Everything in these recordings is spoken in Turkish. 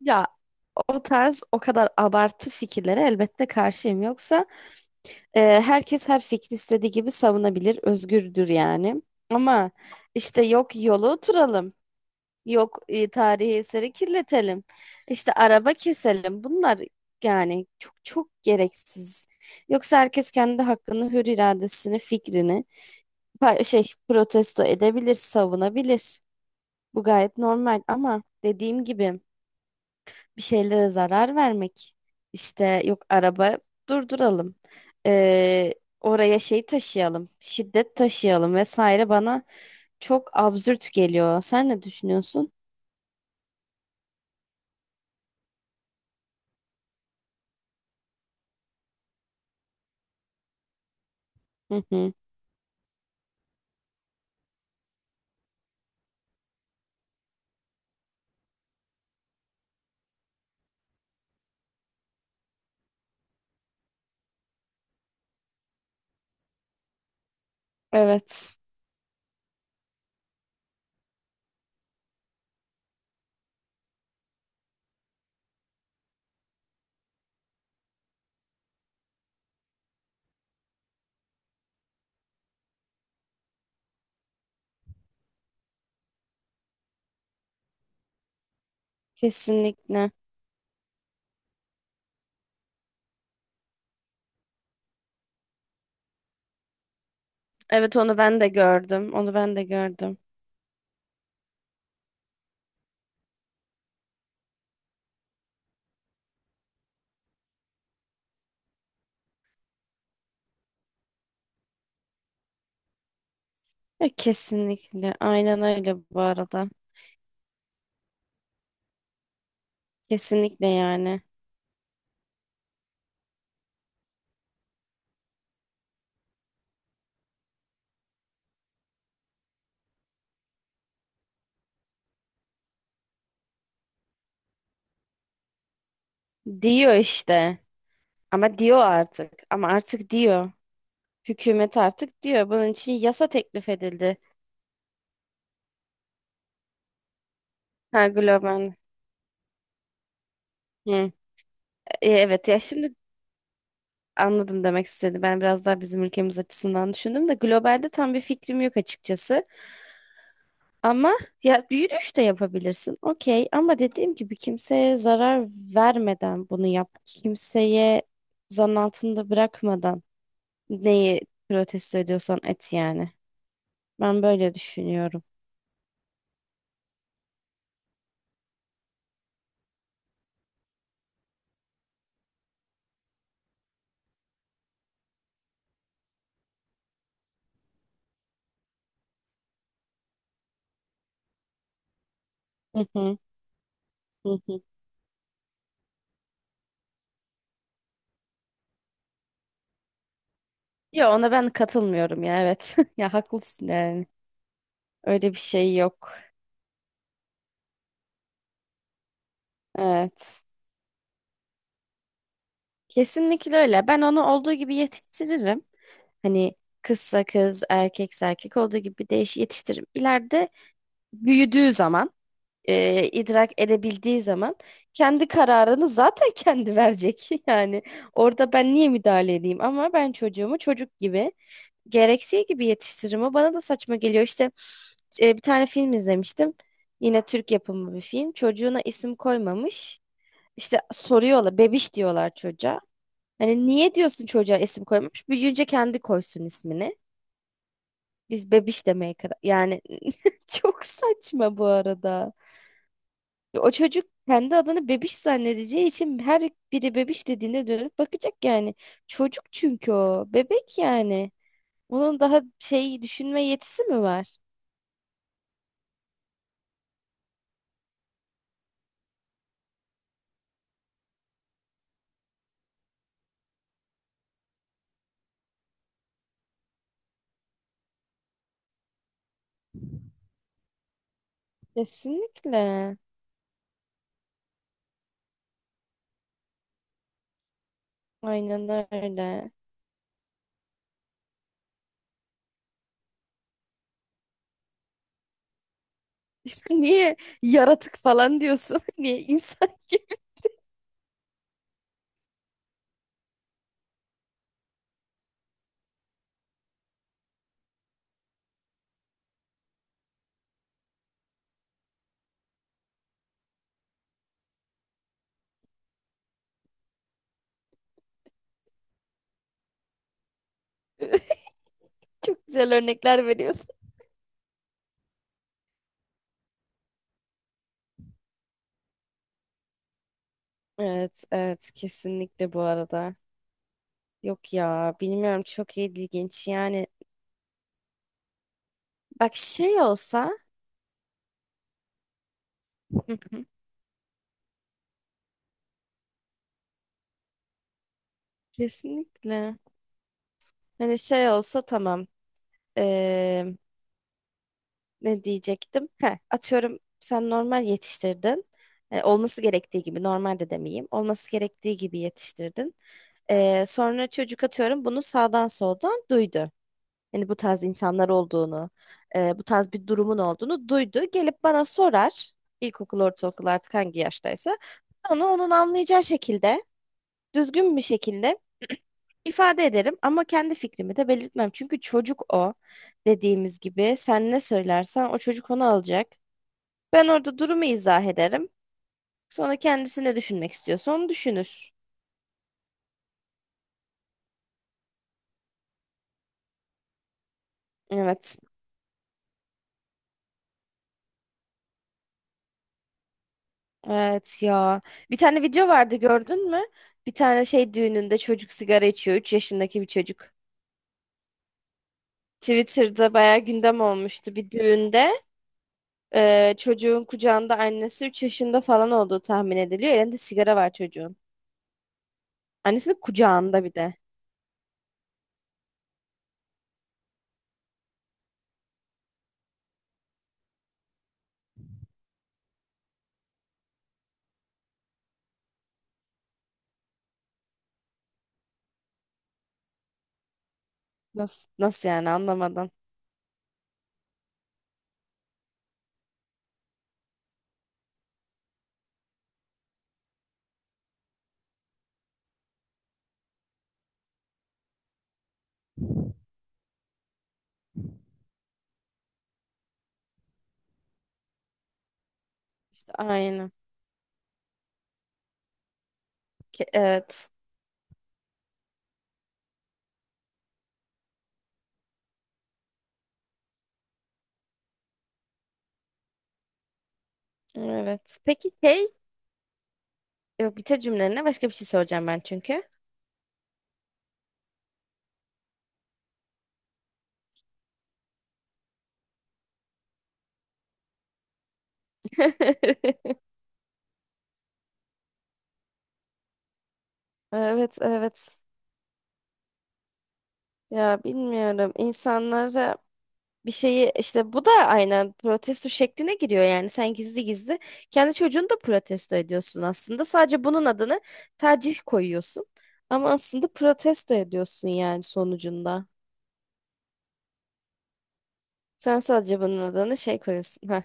Ya, o tarz o kadar abartı fikirlere elbette karşıyım. Yoksa herkes her fikri istediği gibi savunabilir, özgürdür yani. Ama işte yok yolu oturalım, yok tarihi eseri kirletelim, işte araba keselim. Bunlar yani çok çok gereksiz. Yoksa herkes kendi hakkını, hür iradesini, fikrini şey protesto edebilir, savunabilir. Bu gayet normal ama dediğim gibi, bir şeylere zarar vermek. İşte yok araba durduralım. Ee, Oraya şey taşıyalım, şiddet taşıyalım vesaire bana çok absürt geliyor. Sen ne düşünüyorsun? Hı hı. Evet, kesinlikle. Evet, onu ben de gördüm. Onu ben de gördüm. Ya, kesinlikle. Aynen öyle bu arada. Kesinlikle yani. Diyor işte. Ama diyor artık. Ama artık diyor. Hükümet artık diyor. Bunun için yasa teklif edildi. Ha, global. Hı. E, evet ya şimdi anladım demek istedi. Ben biraz daha bizim ülkemiz açısından düşündüm de globalde tam bir fikrim yok açıkçası. Ama ya yürüyüş de yapabilirsin. Okey, ama dediğim gibi kimseye zarar vermeden bunu yap. Kimseye zan altında bırakmadan neyi protesto ediyorsan et yani. Ben böyle düşünüyorum. Hı hı, hı hı. Ya ona ben katılmıyorum ya, evet. Ya haklısın yani. Öyle bir şey yok. Evet. Kesinlikle öyle. Ben onu olduğu gibi yetiştiririm. Hani kızsa kız, erkekse erkek olduğu gibi değiş yetiştiririm. İleride büyüdüğü zaman, idrak edebildiği zaman kendi kararını zaten kendi verecek. Yani orada ben niye müdahale edeyim? Ama ben çocuğumu çocuk gibi gerektiği gibi yetiştiririm. O bana da saçma geliyor. İşte bir tane film izlemiştim. Yine Türk yapımı bir film. Çocuğuna isim koymamış. İşte soruyorlar, bebiş diyorlar çocuğa. Hani niye diyorsun çocuğa isim koymamış? Büyüyünce kendi koysun ismini. Biz bebiş demeye karar... Yani çok saçma bu arada. O çocuk kendi adını bebiş zannedeceği için her biri bebiş dediğinde dönüp bakacak yani. Çocuk çünkü o. Bebek yani. Onun daha şey düşünme yetisi mi var? Kesinlikle. Aynen öyle. İşte niye yaratık falan diyorsun? Niye insan? Çok güzel örnekler veriyorsun. Evet, evet, kesinlikle bu arada. Yok ya, bilmiyorum, çok ilginç yani. Bak, şey olsa. Hı hı. Kesinlikle. Hani şey olsa, tamam. Eee, Ne diyecektim? Heh, atıyorum sen normal yetiştirdin. Yani olması gerektiği gibi, normal de demeyeyim, olması gerektiği gibi yetiştirdin. Sonra çocuk, atıyorum, bunu sağdan soldan duydu. Yani bu tarz insanlar olduğunu, bu tarz bir durumun olduğunu duydu. Gelip bana sorar. İlkokul, ortaokul, artık hangi yaştaysa. Onu onun anlayacağı şekilde, düzgün bir şekilde ifade ederim ama kendi fikrimi de belirtmem. Çünkü çocuk, o dediğimiz gibi, sen ne söylersen o çocuk onu alacak. Ben orada durumu izah ederim. Sonra kendisi ne düşünmek istiyorsa onu düşünür. Evet. Evet ya. Bir tane video vardı, gördün mü? Bir tane şey düğününde çocuk sigara içiyor. 3 yaşındaki bir çocuk. Twitter'da bayağı gündem olmuştu bir düğünde. Çocuğun kucağında annesi, 3 yaşında falan olduğu tahmin ediliyor. Elinde sigara var çocuğun. Annesinin kucağında bir de. Nasıl, nasıl yani, anlamadım. İşte aynı. Evet. Evet. Peki şey, yok bitir cümlene, başka bir şey soracağım ben çünkü. Evet, evet. Ya bilmiyorum. İnsanlara bir şeyi işte, bu da aynen protesto şekline giriyor yani. Sen gizli gizli kendi çocuğunu da protesto ediyorsun aslında. Sadece bunun adını tercih koyuyorsun. Ama aslında protesto ediyorsun yani, sonucunda. Sen sadece bunun adını şey koyuyorsun. Ha.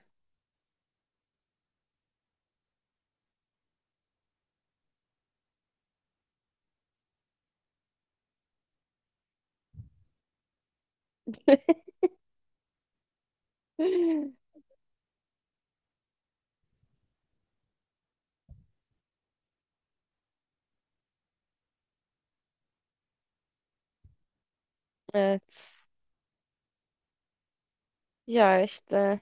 Evet. Ya işte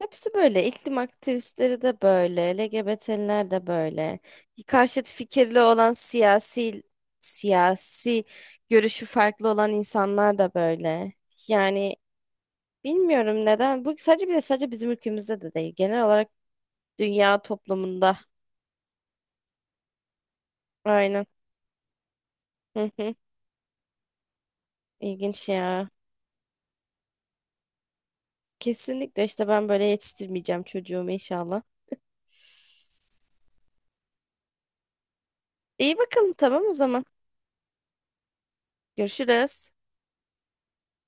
hepsi böyle, iklim aktivistleri de böyle, LGBT'liler de böyle, karşıt fikirli olan siyasi görüşü farklı olan insanlar da böyle yani, bilmiyorum neden bu sadece bile sadece bizim ülkemizde de değil, genel olarak dünya toplumunda. Aynen. Hı hı. ilginç ya. Kesinlikle işte, ben böyle yetiştirmeyeceğim çocuğumu inşallah. İyi bakalım, tamam o zaman görüşürüz.